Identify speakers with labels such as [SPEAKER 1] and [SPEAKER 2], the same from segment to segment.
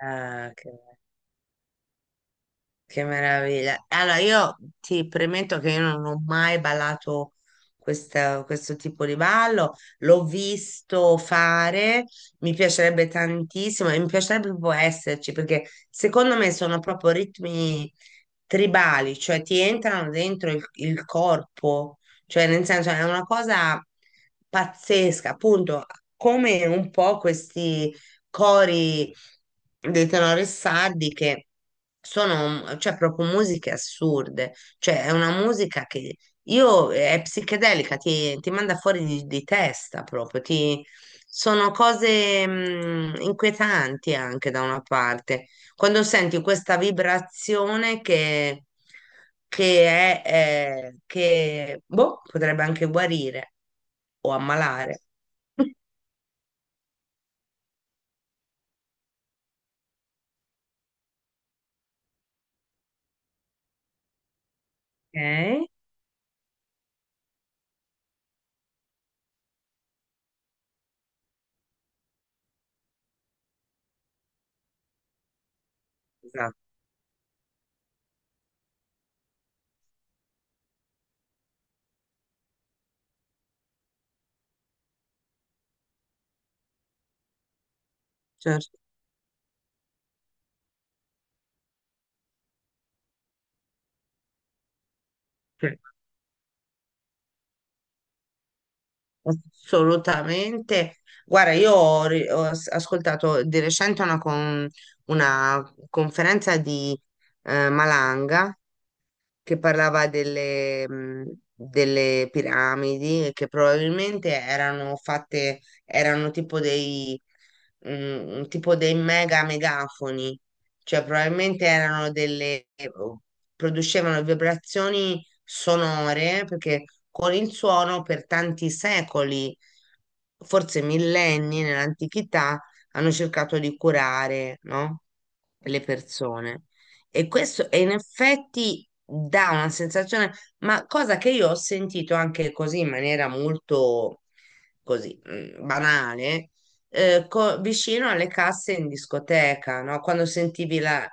[SPEAKER 1] Ah, che meraviglia. Allora, io ti premetto che io non ho mai ballato questo tipo di ballo. L'ho visto fare, mi piacerebbe tantissimo e mi piacerebbe proprio esserci perché secondo me sono proprio ritmi tribali, cioè ti entrano dentro il corpo, cioè nel senso è una cosa pazzesca, appunto, come un po' questi cori dei Tenore Sardi che sono, cioè, proprio musiche assurde, cioè è una musica che io è psichedelica, ti manda fuori di testa proprio, sono cose inquietanti anche da una parte. Quando senti questa vibrazione che è, che boh, potrebbe anche guarire o ammalare. Ok? Esatto, certo. Sì, assolutamente. Guarda, io ho, ri- ho as- ascoltato di recente una conferenza di Malanga che parlava delle, delle piramidi e che probabilmente erano fatte, erano tipo dei megafoni, cioè probabilmente erano delle, producevano vibrazioni sonore perché con il suono per tanti secoli, forse millenni nell'antichità, hanno cercato di curare, no? Le persone. E questo e in effetti dà una sensazione, ma cosa che io ho sentito anche così in maniera molto così banale, vicino alle casse in discoteca, no? Quando sentivi la,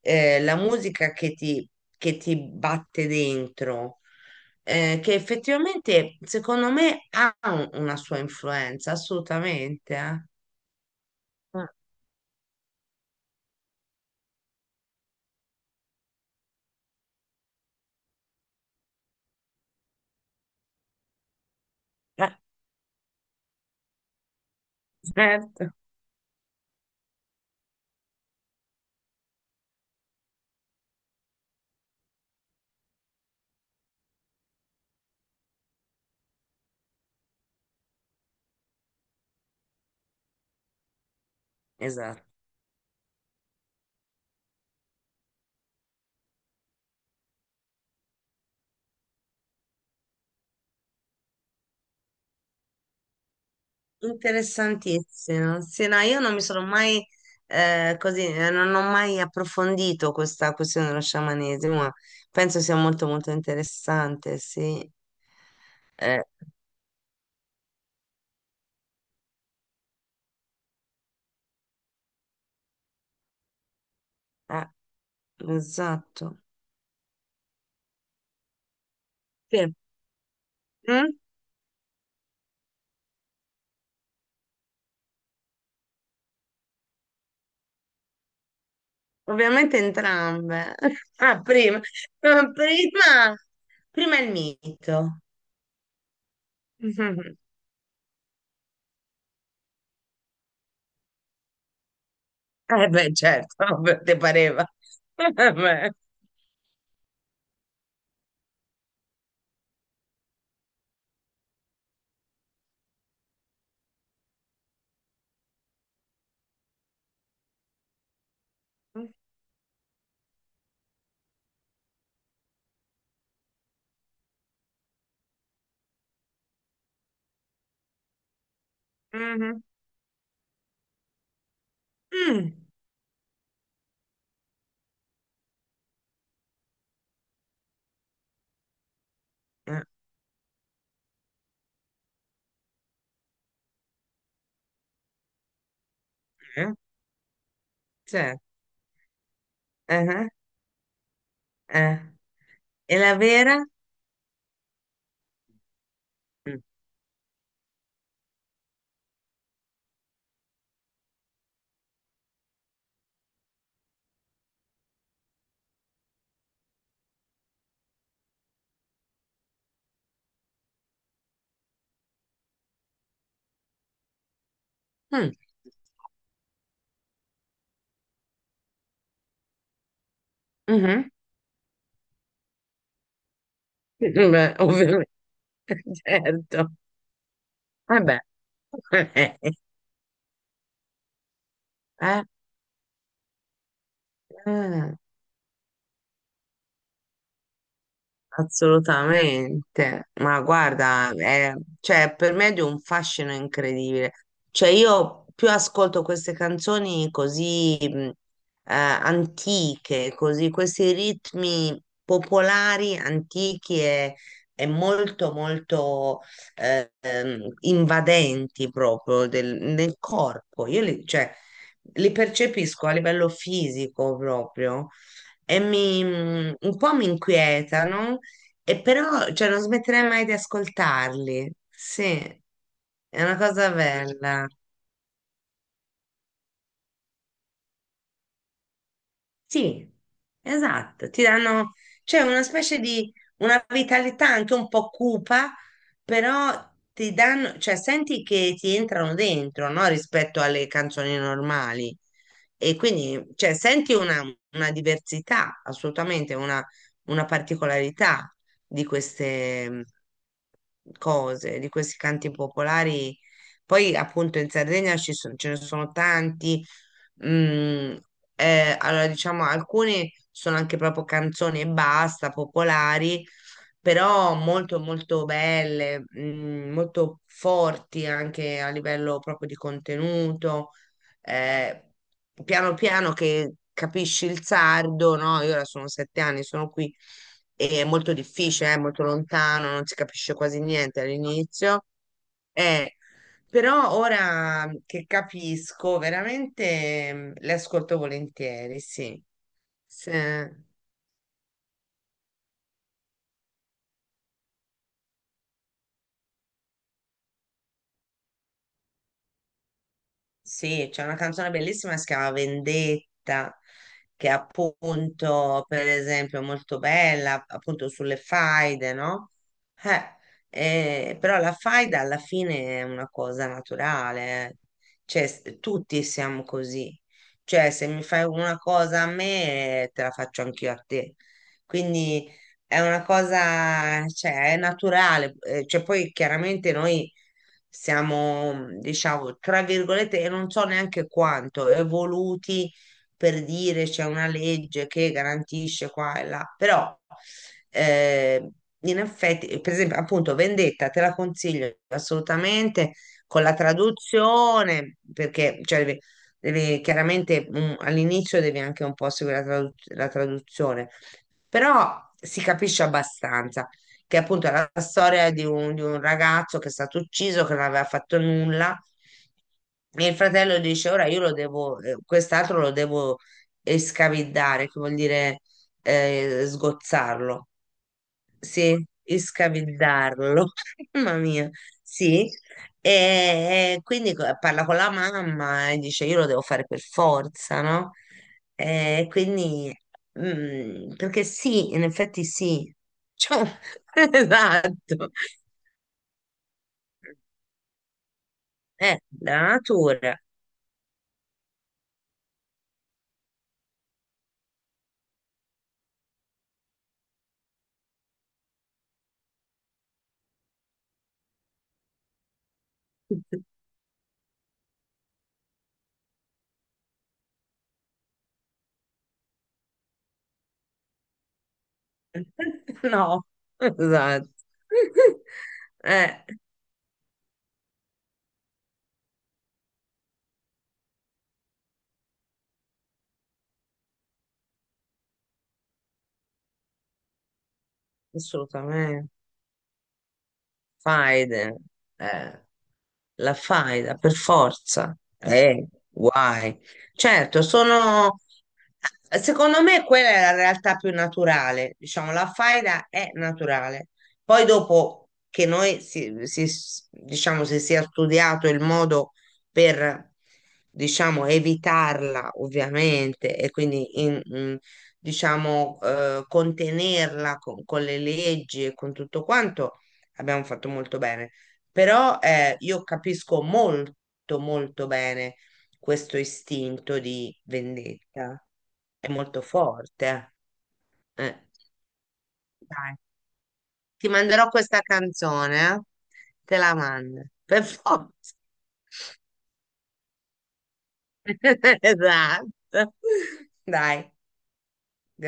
[SPEAKER 1] la musica che ti batte dentro. Che effettivamente secondo me ha una sua influenza, assolutamente. Mm. Eh, certo. Esatto. Interessantissimo. Sì, no, io non mi sono mai non ho mai approfondito questa questione dello sciamanesimo, ma penso sia molto molto interessante, sì. Eh, eh, esatto. Sì. Mm? Ovviamente entrambe. Ah, prima, prima, prima il mito. Mhm. Eh beh, certo, ti pareva. Vabbè. Mhm. Mm. Eh, eh, certo. Ah, ah. E la vera? Mm. Mm, mhm. Beh, ovviamente, certo. Vabbè. Eh, ah, ah. Assolutamente, ma guarda, è- cioè, per me è di un fascino incredibile. Cioè, io più ascolto queste canzoni così antiche, così, questi ritmi popolari, antichi e molto, molto invadenti proprio nel corpo. Io li, cioè, li percepisco a livello fisico proprio e mi, un po' mi inquietano e però, cioè, non smetterei mai di ascoltarli. Sì, è una cosa bella. Sì, esatto, ti danno, cioè una specie di, una vitalità anche un po' cupa, però ti danno, cioè senti che ti entrano dentro, no? Rispetto alle canzoni normali. E quindi, cioè, senti una diversità, assolutamente, una particolarità di queste cose, di questi canti popolari. Poi, appunto, in Sardegna ce ne sono tanti. Mm, allora diciamo alcune sono anche proprio canzoni e basta, popolari, però molto molto belle, molto forti anche a livello proprio di contenuto. eh, piano piano che capisci il sardo, no? Io ora sono 7 anni, sono qui e è molto difficile, è molto lontano, non si capisce quasi niente all'inizio. eh, Però ora che capisco, veramente le ascolto volentieri, sì. Se- sì, c'è una canzone bellissima che si chiama Vendetta, che è appunto, per esempio, molto bella, appunto sulle faide, no? Eh, però la faida alla fine è una cosa naturale, eh. Cioè, tutti siamo così. Cioè, se mi fai una cosa a me, te la faccio anch'io a te. Quindi è una cosa, cioè, è naturale, cioè poi chiaramente noi siamo, diciamo, tra virgolette, e non so neanche quanto, evoluti per dire c'è una legge che garantisce qua e là, però eh, in effetti, per esempio, appunto, Vendetta te la consiglio assolutamente con la traduzione, perché cioè, chiaramente all'inizio devi anche un po' seguire la la traduzione, però si capisce abbastanza che appunto è la storia di di un ragazzo che è stato ucciso, che non aveva fatto nulla, e il fratello dice: Ora io lo devo, quest'altro lo devo escavidare, che vuol dire sgozzarlo. Sì, e scavillarlo, mamma mia, sì. E quindi parla con la mamma e dice io lo devo fare per forza, no? E quindi, perché sì, in effetti sì, cioè, esatto, è la natura. No, esatto, eh, assolutamente. Faide, eh, la faida per forza, guai. Certo, sono, secondo me quella è la realtà più naturale, diciamo, la faida è naturale. Poi dopo che noi diciamo, si sia studiato il modo per, diciamo, evitarla, ovviamente, e quindi diciamo, contenerla con le leggi e con tutto quanto abbiamo fatto molto bene. Però io capisco molto, molto bene questo istinto di vendetta. È molto forte. eh. Eh. Dai, ti manderò questa canzone, eh. Te la mando. Per forza. Esatto. Dai.